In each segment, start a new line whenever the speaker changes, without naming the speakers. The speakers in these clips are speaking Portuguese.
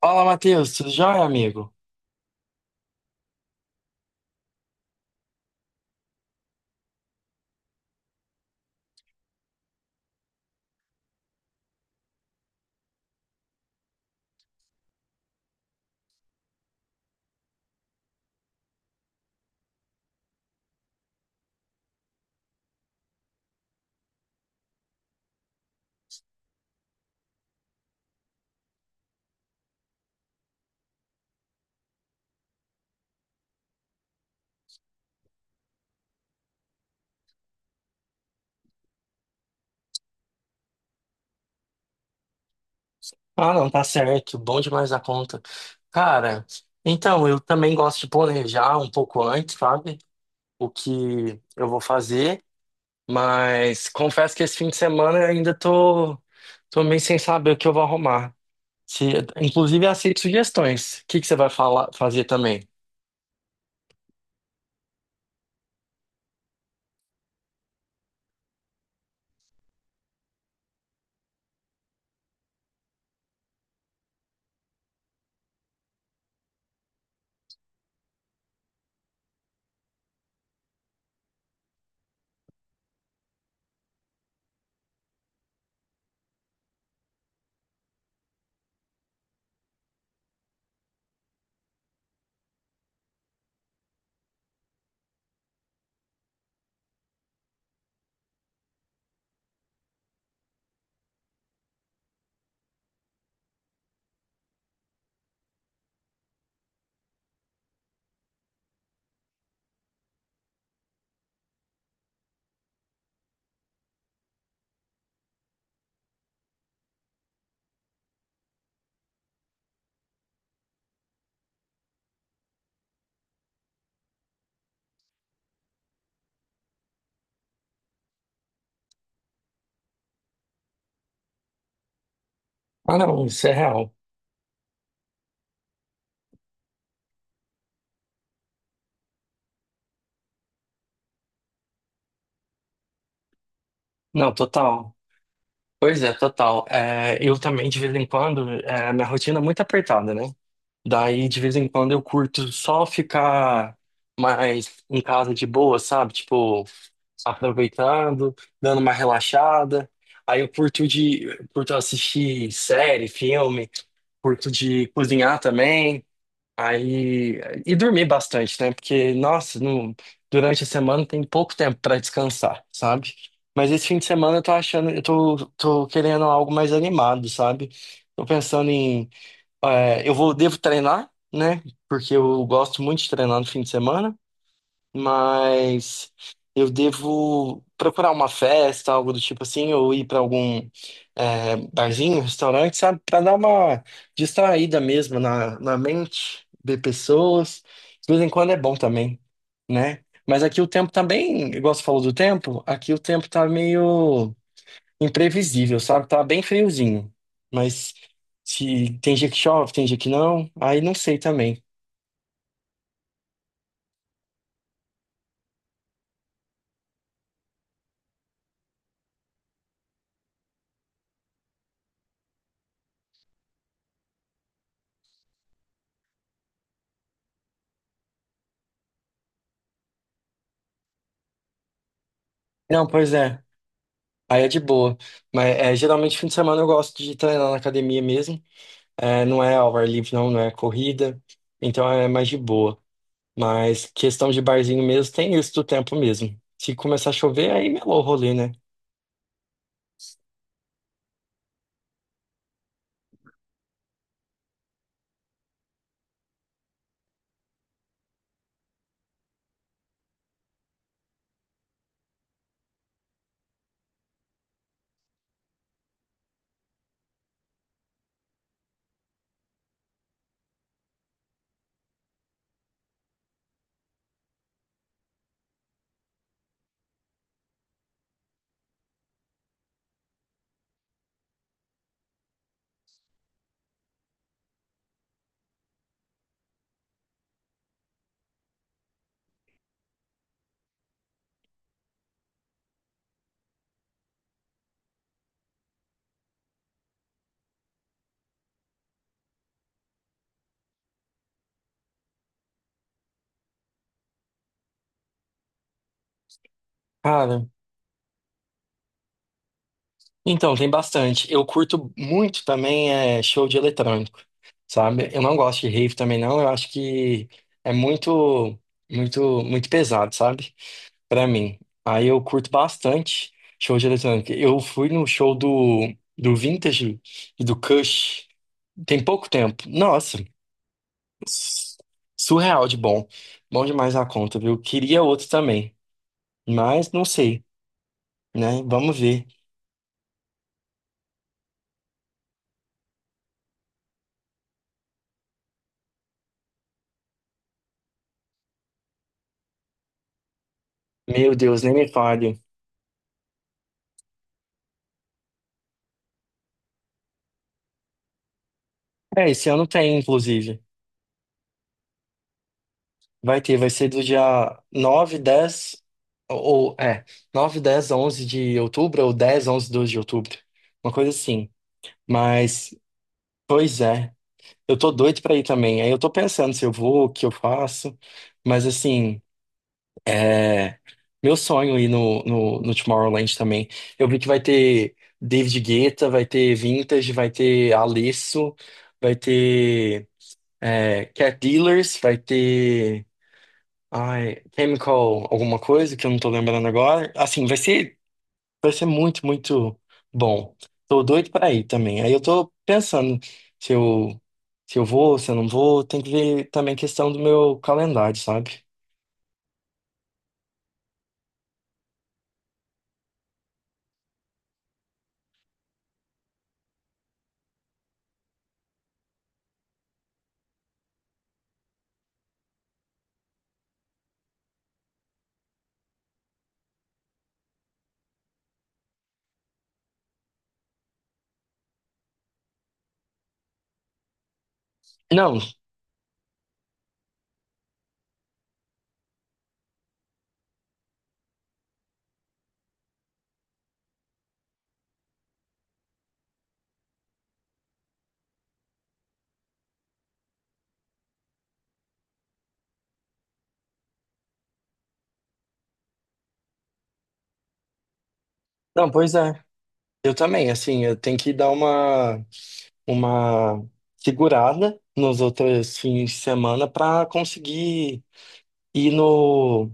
Fala, Matheus, tudo jóia, amigo? Ah, não, tá certo, bom demais a conta. Cara, então, eu também gosto de planejar um pouco antes, sabe? O que eu vou fazer, mas confesso que esse fim de semana eu ainda tô meio sem saber o que eu vou arrumar. Se, inclusive, aceito sugestões. O que que você vai falar, fazer também? Ah, não, isso é real. Não, total. Pois é, total. É, eu também, de vez em quando, minha rotina é muito apertada, né? Daí, de vez em quando, eu curto só ficar mais em casa de boa, sabe? Tipo, aproveitando, dando uma relaxada. Aí eu curto assistir série, filme, curto de cozinhar também. Aí, e dormir bastante, né? Porque, nossa, durante a semana tem pouco tempo pra descansar, sabe? Mas esse fim de semana eu tô achando, tô querendo algo mais animado, sabe? Tô pensando em, eu vou, devo treinar, né? Porque eu gosto muito de treinar no fim de semana mas eu devo procurar uma festa, algo do tipo assim, ou ir para algum barzinho, restaurante, sabe? Pra dar uma distraída mesmo na mente, ver pessoas. De vez em quando é bom também, né? Mas aqui o tempo também bem, igual você falou do tempo, aqui o tempo tá meio imprevisível, sabe? Tá bem friozinho. Mas se tem dia que chove, tem dia que não, aí não sei também. Não, pois é. Aí é de boa. Mas é, geralmente fim de semana eu gosto de treinar na academia mesmo. É, não é ao ar livre, não, não é corrida. Então é mais de boa. Mas questão de barzinho mesmo, tem isso do tempo mesmo. Se começar a chover, aí melou o rolê, né? Cara, então tem bastante. Eu curto muito também show de eletrônico, sabe? Eu não gosto de rave também, não. Eu acho que é muito, muito, muito pesado, sabe? Pra mim. Aí eu curto bastante show de eletrônica. Eu fui no show do Vintage e do Kush tem pouco tempo. Nossa, s- surreal de bom. Bom demais a conta, viu? Queria outro também, mas não sei, né? Vamos ver. Meu Deus, nem me fale. É, esse ano tem, inclusive. Vai ter, vai ser do dia 9, 10 ou 9, 10, 11 de outubro, ou 10, 11, 12 de outubro. Uma coisa assim. Mas, pois é. Eu tô doido pra ir também. Aí eu tô pensando se eu vou, o que eu faço. Mas assim, é, meu sonho é ir no Tomorrowland também. Eu vi que vai ter David Guetta, vai ter Vintage, vai ter Alesso, vai ter Cat Dealers, vai ter ai, Chemical alguma coisa que eu não tô lembrando agora. Assim, vai ser muito, muito bom. Tô doido pra ir também. Aí eu tô pensando se eu, se eu vou, se eu não vou. Tem que ver também questão do meu calendário, sabe? Não, não, pois é. Eu também, assim, eu tenho que dar uma segurada nos outros fins de semana pra conseguir ir no,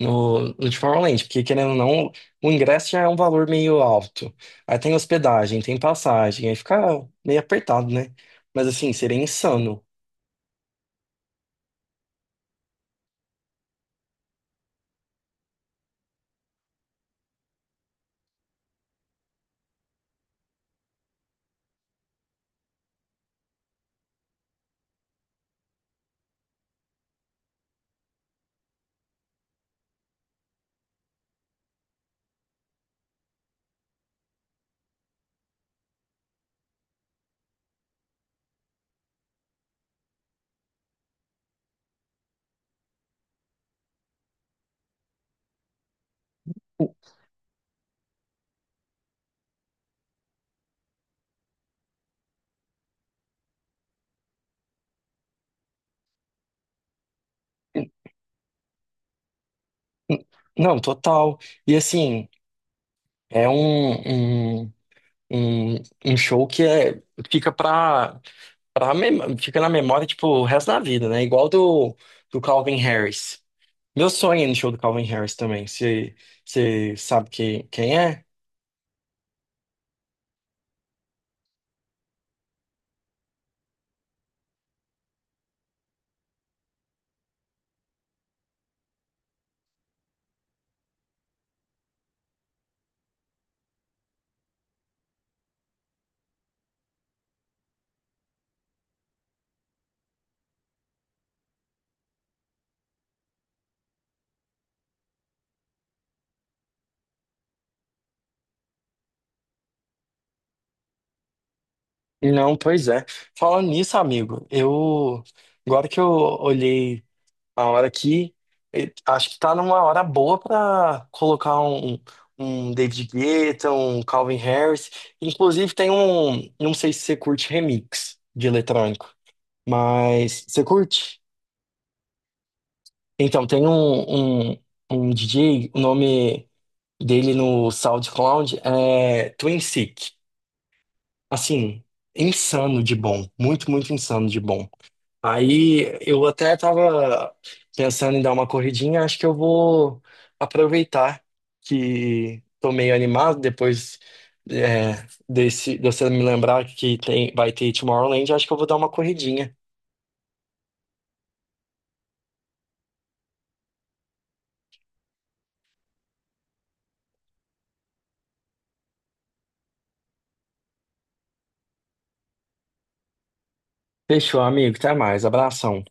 no, no de Tomorrowland, porque querendo ou não, o ingresso já é um valor meio alto. Aí tem hospedagem, tem passagem, aí fica meio apertado, né? Mas assim, seria insano. Não, total. E assim, é um, um, um, um show que fica pra fica na memória, tipo, o resto da vida, né? Igual do Calvin Harris. Meu sonho é ir no show do Calvin Harris também. Você sabe que, quem é? Não, pois é. Falando nisso, amigo, eu agora que eu olhei a hora aqui, acho que tá numa hora boa pra colocar um, um David Guetta, um Calvin Harris. Inclusive tem um, não sei se você curte remix de eletrônico, mas você curte? Então, tem um DJ, o nome dele no SoundCloud é Twin Sick. Assim, insano de bom, muito, muito insano de bom. Aí eu até tava pensando em dar uma corridinha, acho que eu vou aproveitar que tô meio animado depois é, desse, de você me lembrar que vai ter Tomorrowland, acho que eu vou dar uma corridinha. Fechou, amigo. Até mais. Abração.